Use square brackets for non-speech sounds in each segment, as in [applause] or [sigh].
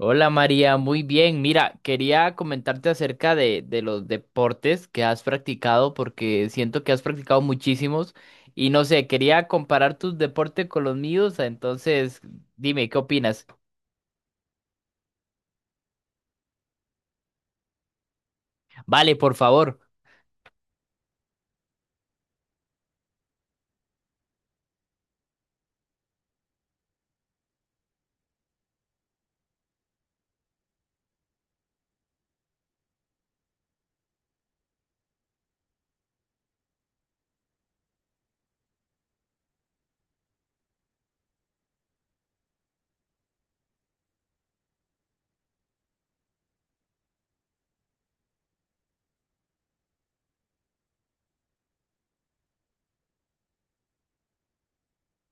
Hola María, muy bien. Mira, quería comentarte acerca de los deportes que has practicado porque siento que has practicado muchísimos y no sé, quería comparar tus deportes con los míos, entonces dime, ¿qué opinas? Vale, por favor.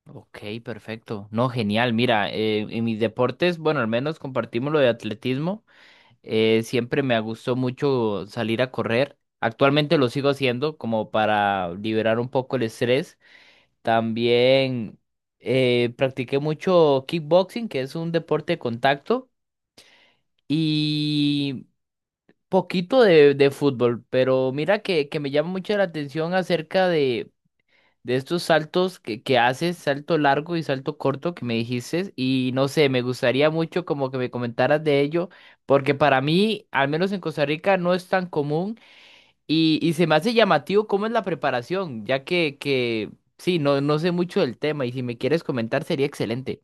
Ok, perfecto. No, genial. Mira, en mis deportes, bueno, al menos compartimos lo de atletismo. Siempre me gustó mucho salir a correr. Actualmente lo sigo haciendo como para liberar un poco el estrés. También practiqué mucho kickboxing, que es un deporte de contacto, y poquito de fútbol, pero mira que me llama mucho la atención acerca de estos saltos que haces, salto largo y salto corto que me dijiste, y no sé, me gustaría mucho como que me comentaras de ello, porque para mí, al menos en Costa Rica, no es tan común. Y se me hace llamativo cómo es la preparación, ya que sí, no, no sé mucho del tema y si me quieres comentar sería excelente.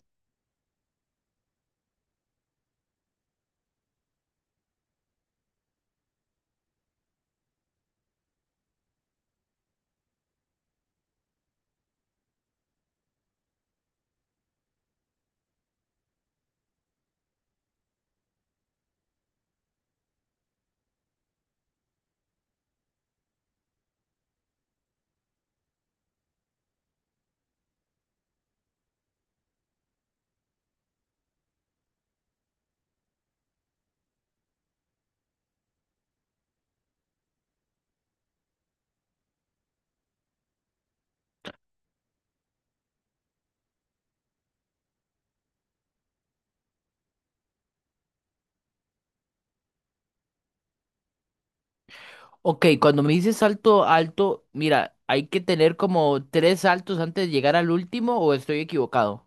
Ok, cuando me dices salto alto, mira, ¿hay que tener como tres saltos antes de llegar al último o estoy equivocado?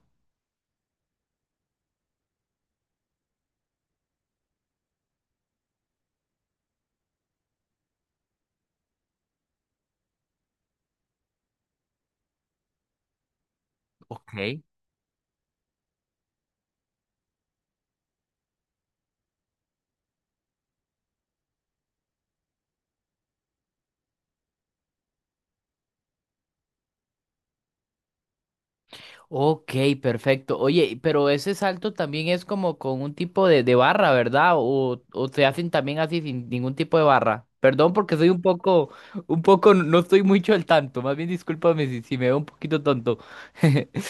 Ok. Ok, perfecto. Oye, pero ese salto también es como con un tipo de barra, ¿verdad? O se hacen también así sin ningún tipo de barra. Perdón porque soy un poco, no estoy mucho al tanto. Más bien discúlpame si, si me veo un poquito tonto. [laughs]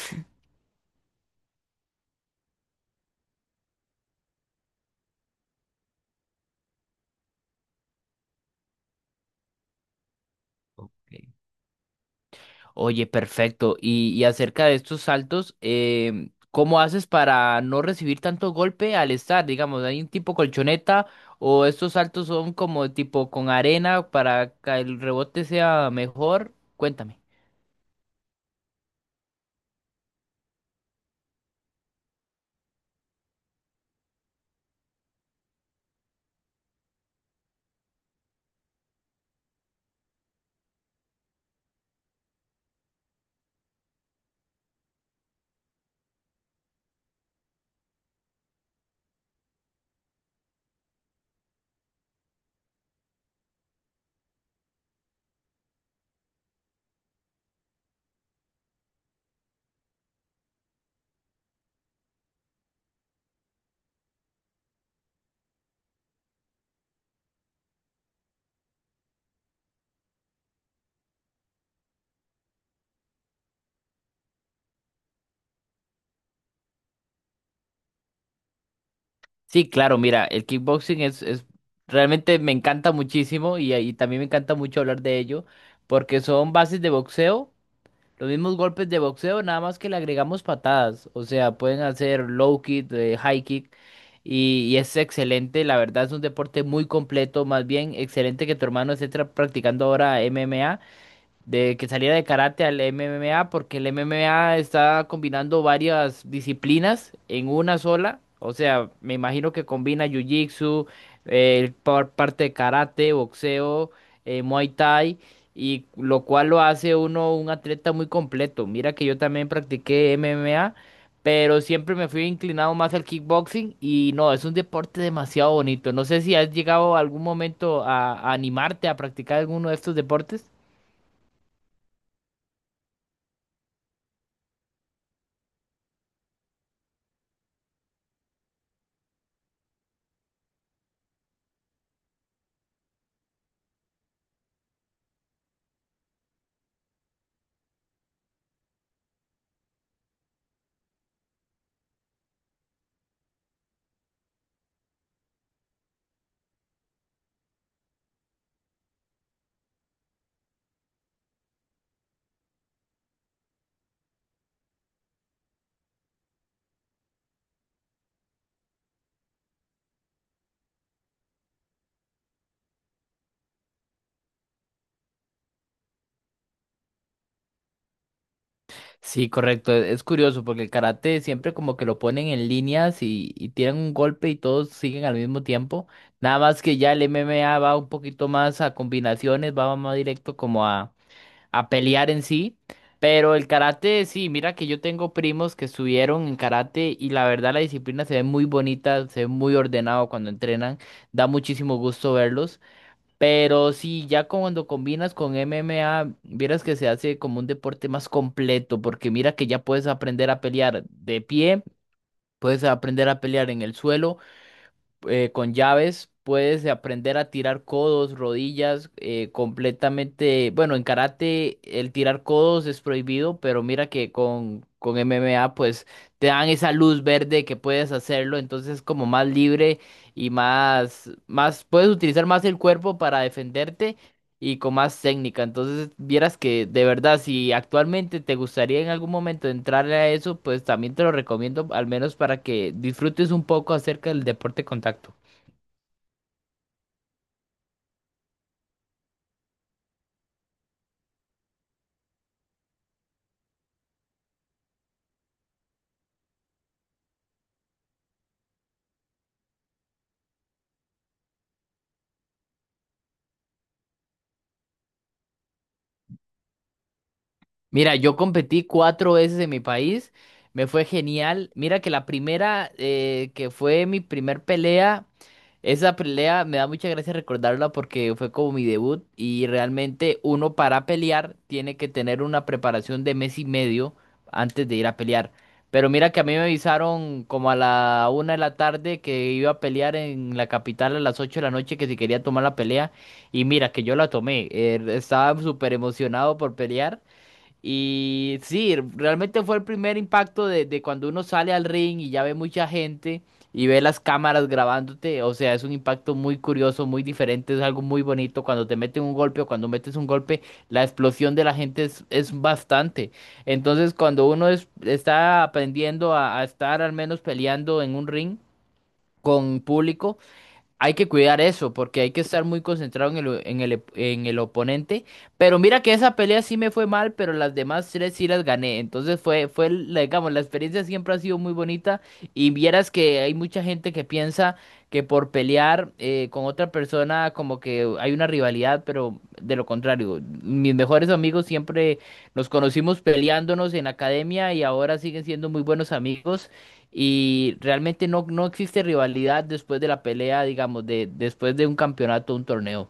Ok. Oye, perfecto. Y acerca de estos saltos, ¿cómo haces para no recibir tanto golpe al estar? Digamos, ¿hay un tipo colchoneta o estos saltos son como tipo con arena para que el rebote sea mejor? Cuéntame. Sí, claro, mira, el kickboxing es realmente me encanta muchísimo y también me encanta mucho hablar de ello porque son bases de boxeo. Los mismos golpes de boxeo, nada más que le agregamos patadas. O sea, pueden hacer low kick, high kick. Y es excelente, la verdad es un deporte muy completo. Más bien, excelente que tu hermano esté practicando ahora MMA de que saliera de karate al MMA, porque el MMA está combinando varias disciplinas en una sola. O sea, me imagino que combina jiu-jitsu, parte de karate, boxeo, muay thai, y lo cual lo hace uno un atleta muy completo. Mira que yo también practiqué MMA. Pero siempre me fui inclinado más al kickboxing y no, es un deporte demasiado bonito. No sé si has llegado algún momento a animarte a practicar alguno de estos deportes. Sí, correcto. Es curioso porque el karate siempre como que lo ponen en líneas y tiran un golpe y todos siguen al mismo tiempo. Nada más que ya el MMA va un poquito más a combinaciones, va más directo como a pelear en sí. Pero el karate, sí, mira que yo tengo primos que estuvieron en karate y la verdad la disciplina se ve muy bonita, se ve muy ordenado cuando entrenan. Da muchísimo gusto verlos. Pero sí, ya cuando combinas con MMA, vieras que se hace como un deporte más completo, porque mira que ya puedes aprender a pelear de pie, puedes aprender a pelear en el suelo, con llaves, puedes aprender a tirar codos, rodillas, completamente, bueno, en karate el tirar codos es prohibido, pero mira que con MMA pues te dan esa luz verde que puedes hacerlo, entonces es como más libre y puedes utilizar más el cuerpo para defenderte y con más técnica. Entonces, vieras que de verdad, si actualmente te gustaría en algún momento entrarle a eso, pues también te lo recomiendo, al menos para que disfrutes un poco acerca del deporte contacto. Mira, yo competí cuatro veces en mi país, me fue genial. Mira que la primera, que fue mi primer pelea. Esa pelea me da mucha gracia recordarla porque fue como mi debut y realmente uno para pelear tiene que tener una preparación de mes y medio antes de ir a pelear. Pero mira que a mí me avisaron como a la una de la tarde que iba a pelear en la capital a las ocho de la noche que si quería tomar la pelea y mira que yo la tomé. Estaba súper emocionado por pelear y sí, realmente fue el primer impacto de cuando uno sale al ring y ya ve mucha gente y ve las cámaras grabándote. O sea, es un impacto muy curioso, muy diferente, es algo muy bonito. Cuando te meten un golpe o cuando metes un golpe, la explosión de la gente es bastante. Entonces, cuando uno está aprendiendo a estar al menos peleando en un ring con público. Hay que cuidar eso, porque hay que estar muy concentrado en el oponente. Pero mira que esa pelea sí me fue mal, pero las demás tres sí las gané. Entonces digamos, la experiencia siempre ha sido muy bonita. Y vieras que hay mucha gente que piensa que por pelear con otra persona como que hay una rivalidad, pero de lo contrario. Mis mejores amigos siempre nos conocimos peleándonos en la academia y ahora siguen siendo muy buenos amigos. Y realmente no, no existe rivalidad después de la pelea, digamos, de, después de un campeonato, un torneo.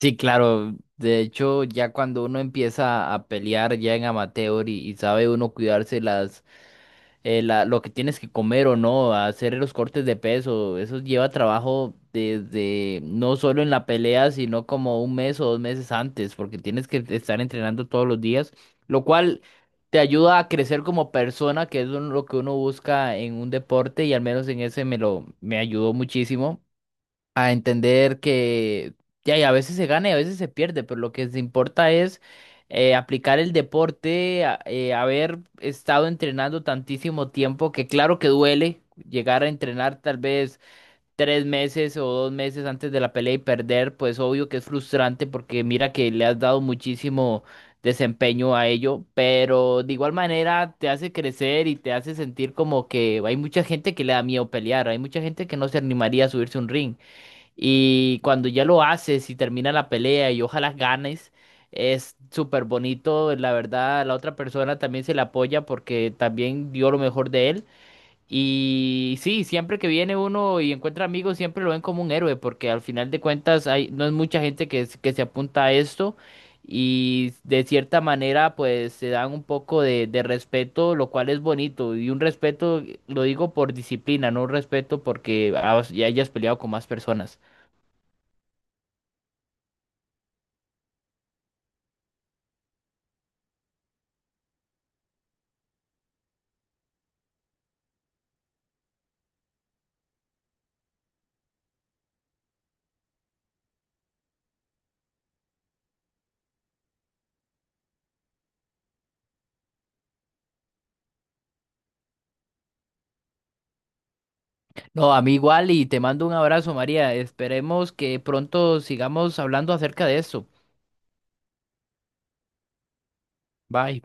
Sí, claro. De hecho, ya cuando uno empieza a pelear ya en amateur y sabe uno cuidarse las lo que tienes que comer o no, hacer los cortes de peso, eso lleva trabajo desde no solo en la pelea, sino como un mes o dos meses antes, porque tienes que estar entrenando todos los días, lo cual te ayuda a crecer como persona, lo que uno busca en un deporte y al menos en ese me ayudó muchísimo a entender que ya, y a veces se gana y a veces se pierde, pero lo que se importa es aplicar el deporte, haber estado entrenando tantísimo tiempo, que claro que duele llegar a entrenar tal vez tres meses o dos meses antes de la pelea y perder, pues obvio que es frustrante porque mira que le has dado muchísimo desempeño a ello, pero de igual manera te hace crecer y te hace sentir como que hay mucha gente que le da miedo pelear, hay mucha gente que no se animaría a subirse a un ring. Y cuando ya lo haces y termina la pelea y ojalá ganes, es súper bonito. La verdad, la otra persona también se le apoya porque también dio lo mejor de él. Y sí, siempre que viene uno y encuentra amigos, siempre lo ven como un héroe porque al final de cuentas hay, no es mucha gente que se apunta a esto. Y de cierta manera, pues se dan un poco de respeto, lo cual es bonito. Y un respeto, lo digo por disciplina, no un respeto porque ya hayas peleado con más personas. No, a mí igual y te mando un abrazo, María. Esperemos que pronto sigamos hablando acerca de esto. Bye.